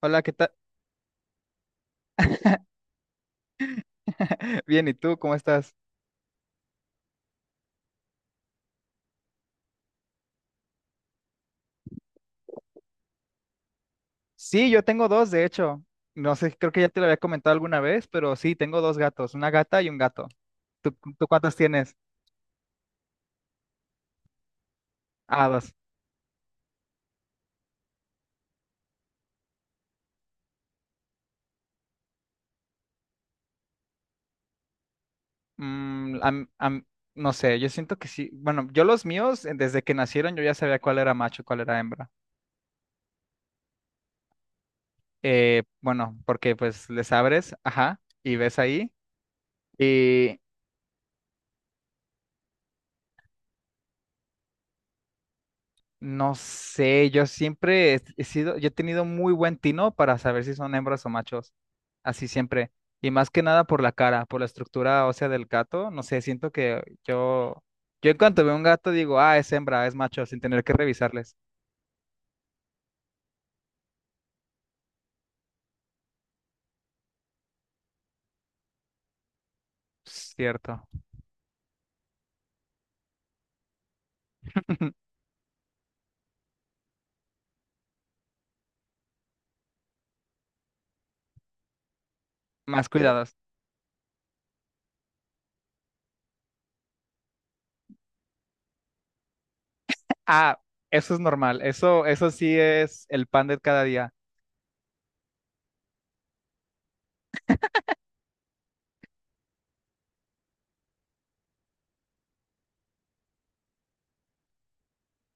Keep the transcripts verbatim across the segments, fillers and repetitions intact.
Hola, ¿qué tal? Bien, ¿y tú cómo estás? Sí, yo tengo dos, de hecho. No sé, creo que ya te lo había comentado alguna vez, pero sí, tengo dos gatos, una gata y un gato. ¿Tú, tú cuántos tienes? Ah, dos. Mm, am- am- no sé, yo siento que sí. Bueno, yo los míos, eh, desde que nacieron, yo ya sabía cuál era macho y cuál era hembra. Eh, bueno, porque pues les abres, ajá, y ves ahí. No sé, yo siempre he he sido, yo he tenido muy buen tino para saber si son hembras o machos, así siempre. Y más que nada por la cara, por la estructura ósea del gato, no sé, siento que yo, yo en cuanto veo un gato digo, ah, es hembra, es macho, sin tener que revisarles. Cierto. Más cuidados. Ah, eso es normal, eso, eso sí es el pan de cada día.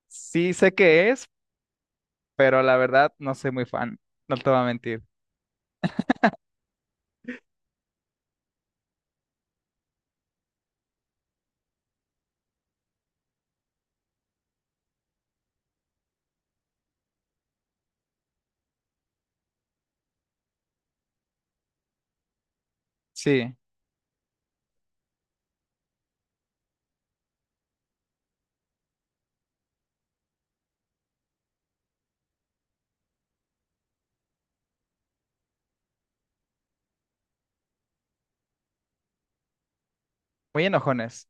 Sí sé que es, pero la verdad no soy muy fan, no te voy a mentir. Sí, muy enojones.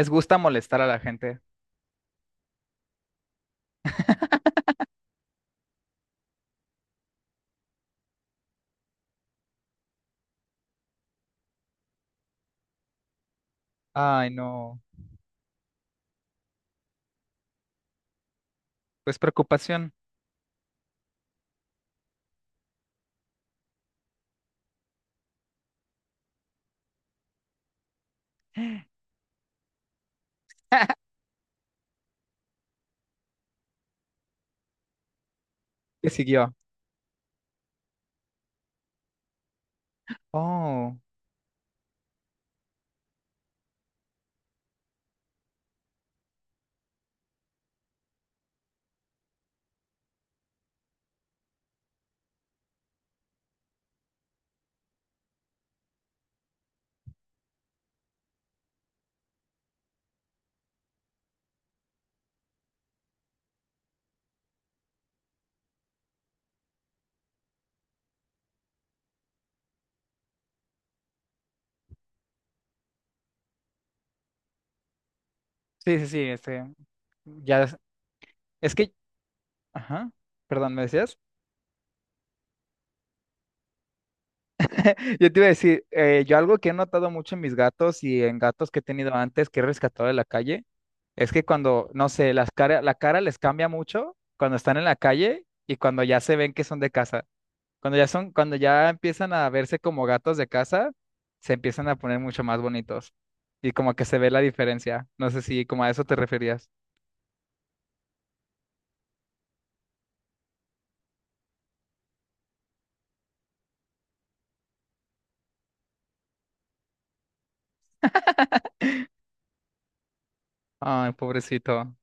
Les gusta molestar a la gente. Ay, no. Pues preocupación. ¿Qué siguió? Oh, sí, sí, sí, este, ya, es es que, ajá, perdón, ¿me decías? Yo te iba a decir, eh, yo algo que he notado mucho en mis gatos y en gatos que he tenido antes, que he rescatado de la calle, es que cuando, no sé, las cara, la cara les cambia mucho cuando están en la calle y cuando ya se ven que son de casa. Cuando ya son, cuando ya empiezan a verse como gatos de casa, se empiezan a poner mucho más bonitos y como que se ve la diferencia. No sé si como a eso te referías. Ay, pobrecito.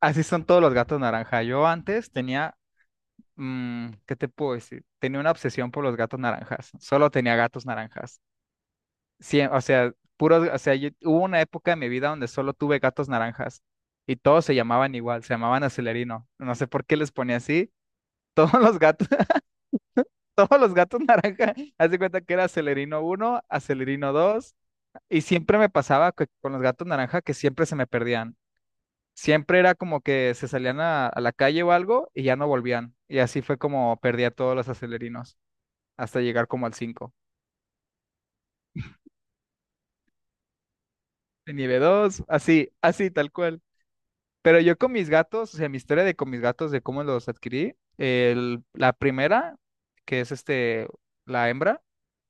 Así son todos los gatos naranja. Yo antes tenía, mm, ¿qué te puedo decir? Tenía una obsesión por los gatos naranjas. Solo tenía gatos naranjas. Sí, o sea, puros, o sea, yo- hubo una época en mi vida donde solo tuve gatos naranjas y todos se llamaban igual, se llamaban Celerino. No sé por qué les ponía así. Todos los gatos, todos los gatos naranja, haz de cuenta que era Celerino uno, Acelerino dos y siempre me pasaba que- con los gatos naranja que siempre se me perdían. Siempre era como que se salían a, a la calle o algo y ya no volvían. Y así fue como perdí a todos los acelerinos hasta llegar como al cinco. En nivel dos así, así, tal cual. Pero yo con mis gatos, o sea, mi historia de con mis gatos, de cómo los adquirí, el- la primera, que es este, la hembra,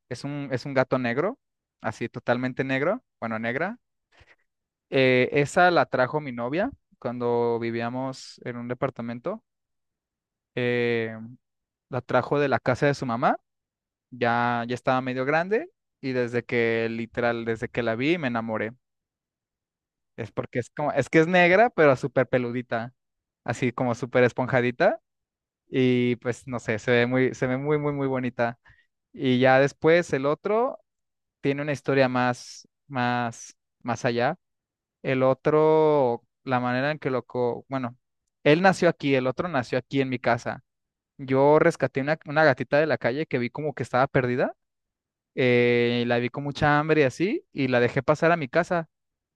es un, es un gato negro, así totalmente negro, bueno, negra. Eh, esa la trajo mi novia cuando vivíamos en un departamento. eh, la trajo de la casa de su mamá. Ya, ya estaba medio grande y desde que, literal, desde que la vi me enamoré. Es porque es como, es que es negra, pero súper peludita, así como súper esponjadita. Y pues no sé, se ve muy, se ve muy, muy, muy bonita. Y ya después el otro tiene una historia más, más, más allá. El otro, la manera en que lo, co- bueno, él nació aquí, el otro nació aquí en mi casa. Yo rescaté una, una gatita de la calle que vi como que estaba perdida, eh, la vi con mucha hambre y así, y la dejé pasar a mi casa.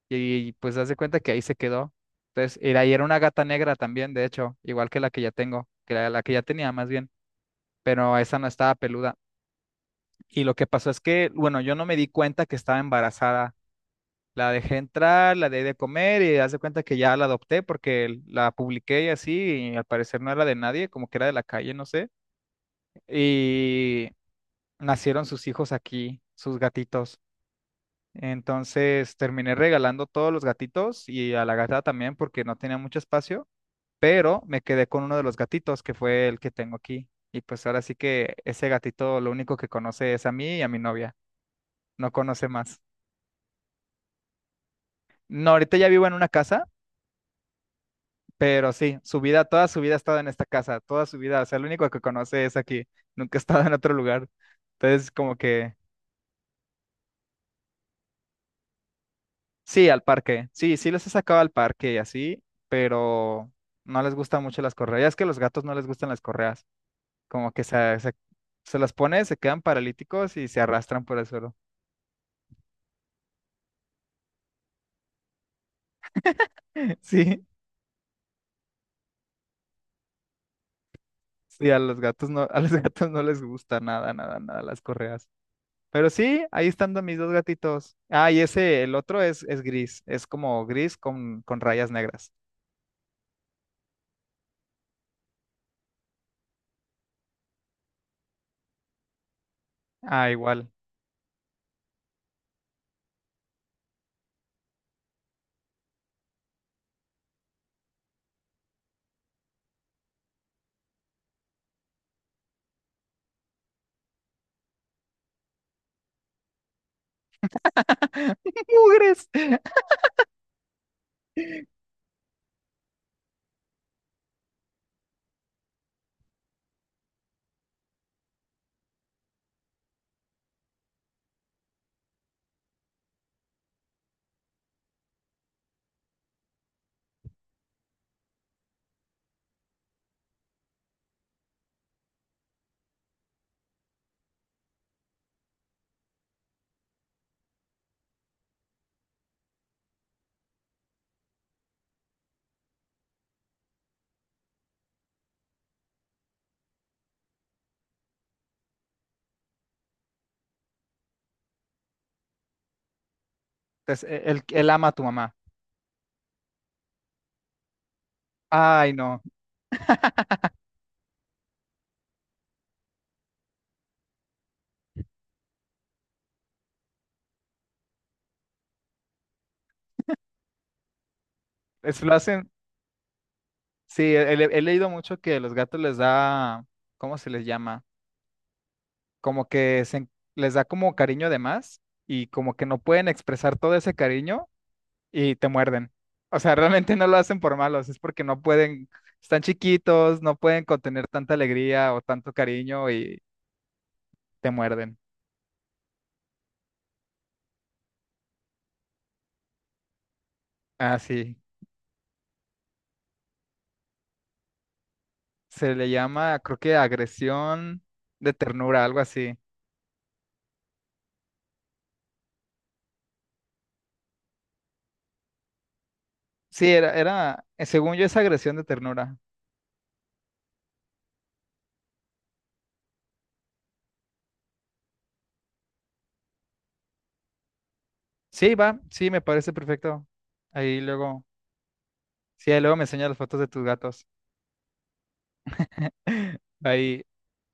Y, pues haz de cuenta que ahí se quedó. Entonces, era, ahí era una gata negra también, de hecho, igual que la que ya tengo, que la, la que ya tenía más bien, pero esa no estaba peluda. Y lo que pasó es que, bueno, yo no me di cuenta que estaba embarazada. La dejé entrar, la dejé de comer y haz de cuenta que ya la adopté porque la publiqué y así, y al parecer no era de nadie, como que era de la calle, no sé. Y nacieron sus hijos aquí, sus gatitos. Entonces terminé regalando todos los gatitos y a la gata también porque no tenía mucho espacio, pero me quedé con uno de los gatitos que fue el que tengo aquí. Y pues ahora sí que ese gatito lo único que conoce es a mí y a mi novia, no conoce más. No, ahorita ya vivo en una casa, pero sí, su vida, toda su vida ha estado en esta casa, toda su vida, o sea, lo único que conoce es aquí, nunca ha estado en otro lugar. Entonces como que sí, al parque. Sí, sí los he sacado al parque y así, pero no les gustan mucho las correas. Ya es que a los gatos no les gustan las correas. Como que se, se, se las pone, se quedan paralíticos y se arrastran por el suelo. Sí, sí, a los gatos no, a los gatos no les gusta nada, nada, nada las correas. Pero sí, ahí están do- mis dos gatitos. Ah, y ese, el otro es, es gris. Es como gris con, con rayas negras. Ah, igual. Mugres. Entonces, e- él, él ama a tu mamá. Ay, no. Es, lo hacen. Sí, he, he- he leído mucho que los gatos les da, ¿cómo se les llama? Como que se, en- les da como cariño de más y como que no pueden expresar todo ese cariño y te muerden. O sea, realmente no lo hacen por malos, es porque no pueden, están chiquitos, no pueden contener tanta alegría o tanto cariño y te muerden. Ah, sí, se le llama, creo que agresión de ternura, algo así. Sí, era, era, eh, según yo es agresión de ternura. Sí, va, sí, me parece perfecto. Ahí luego. Sí, ahí luego me enseñas las fotos de tus gatos. Ahí,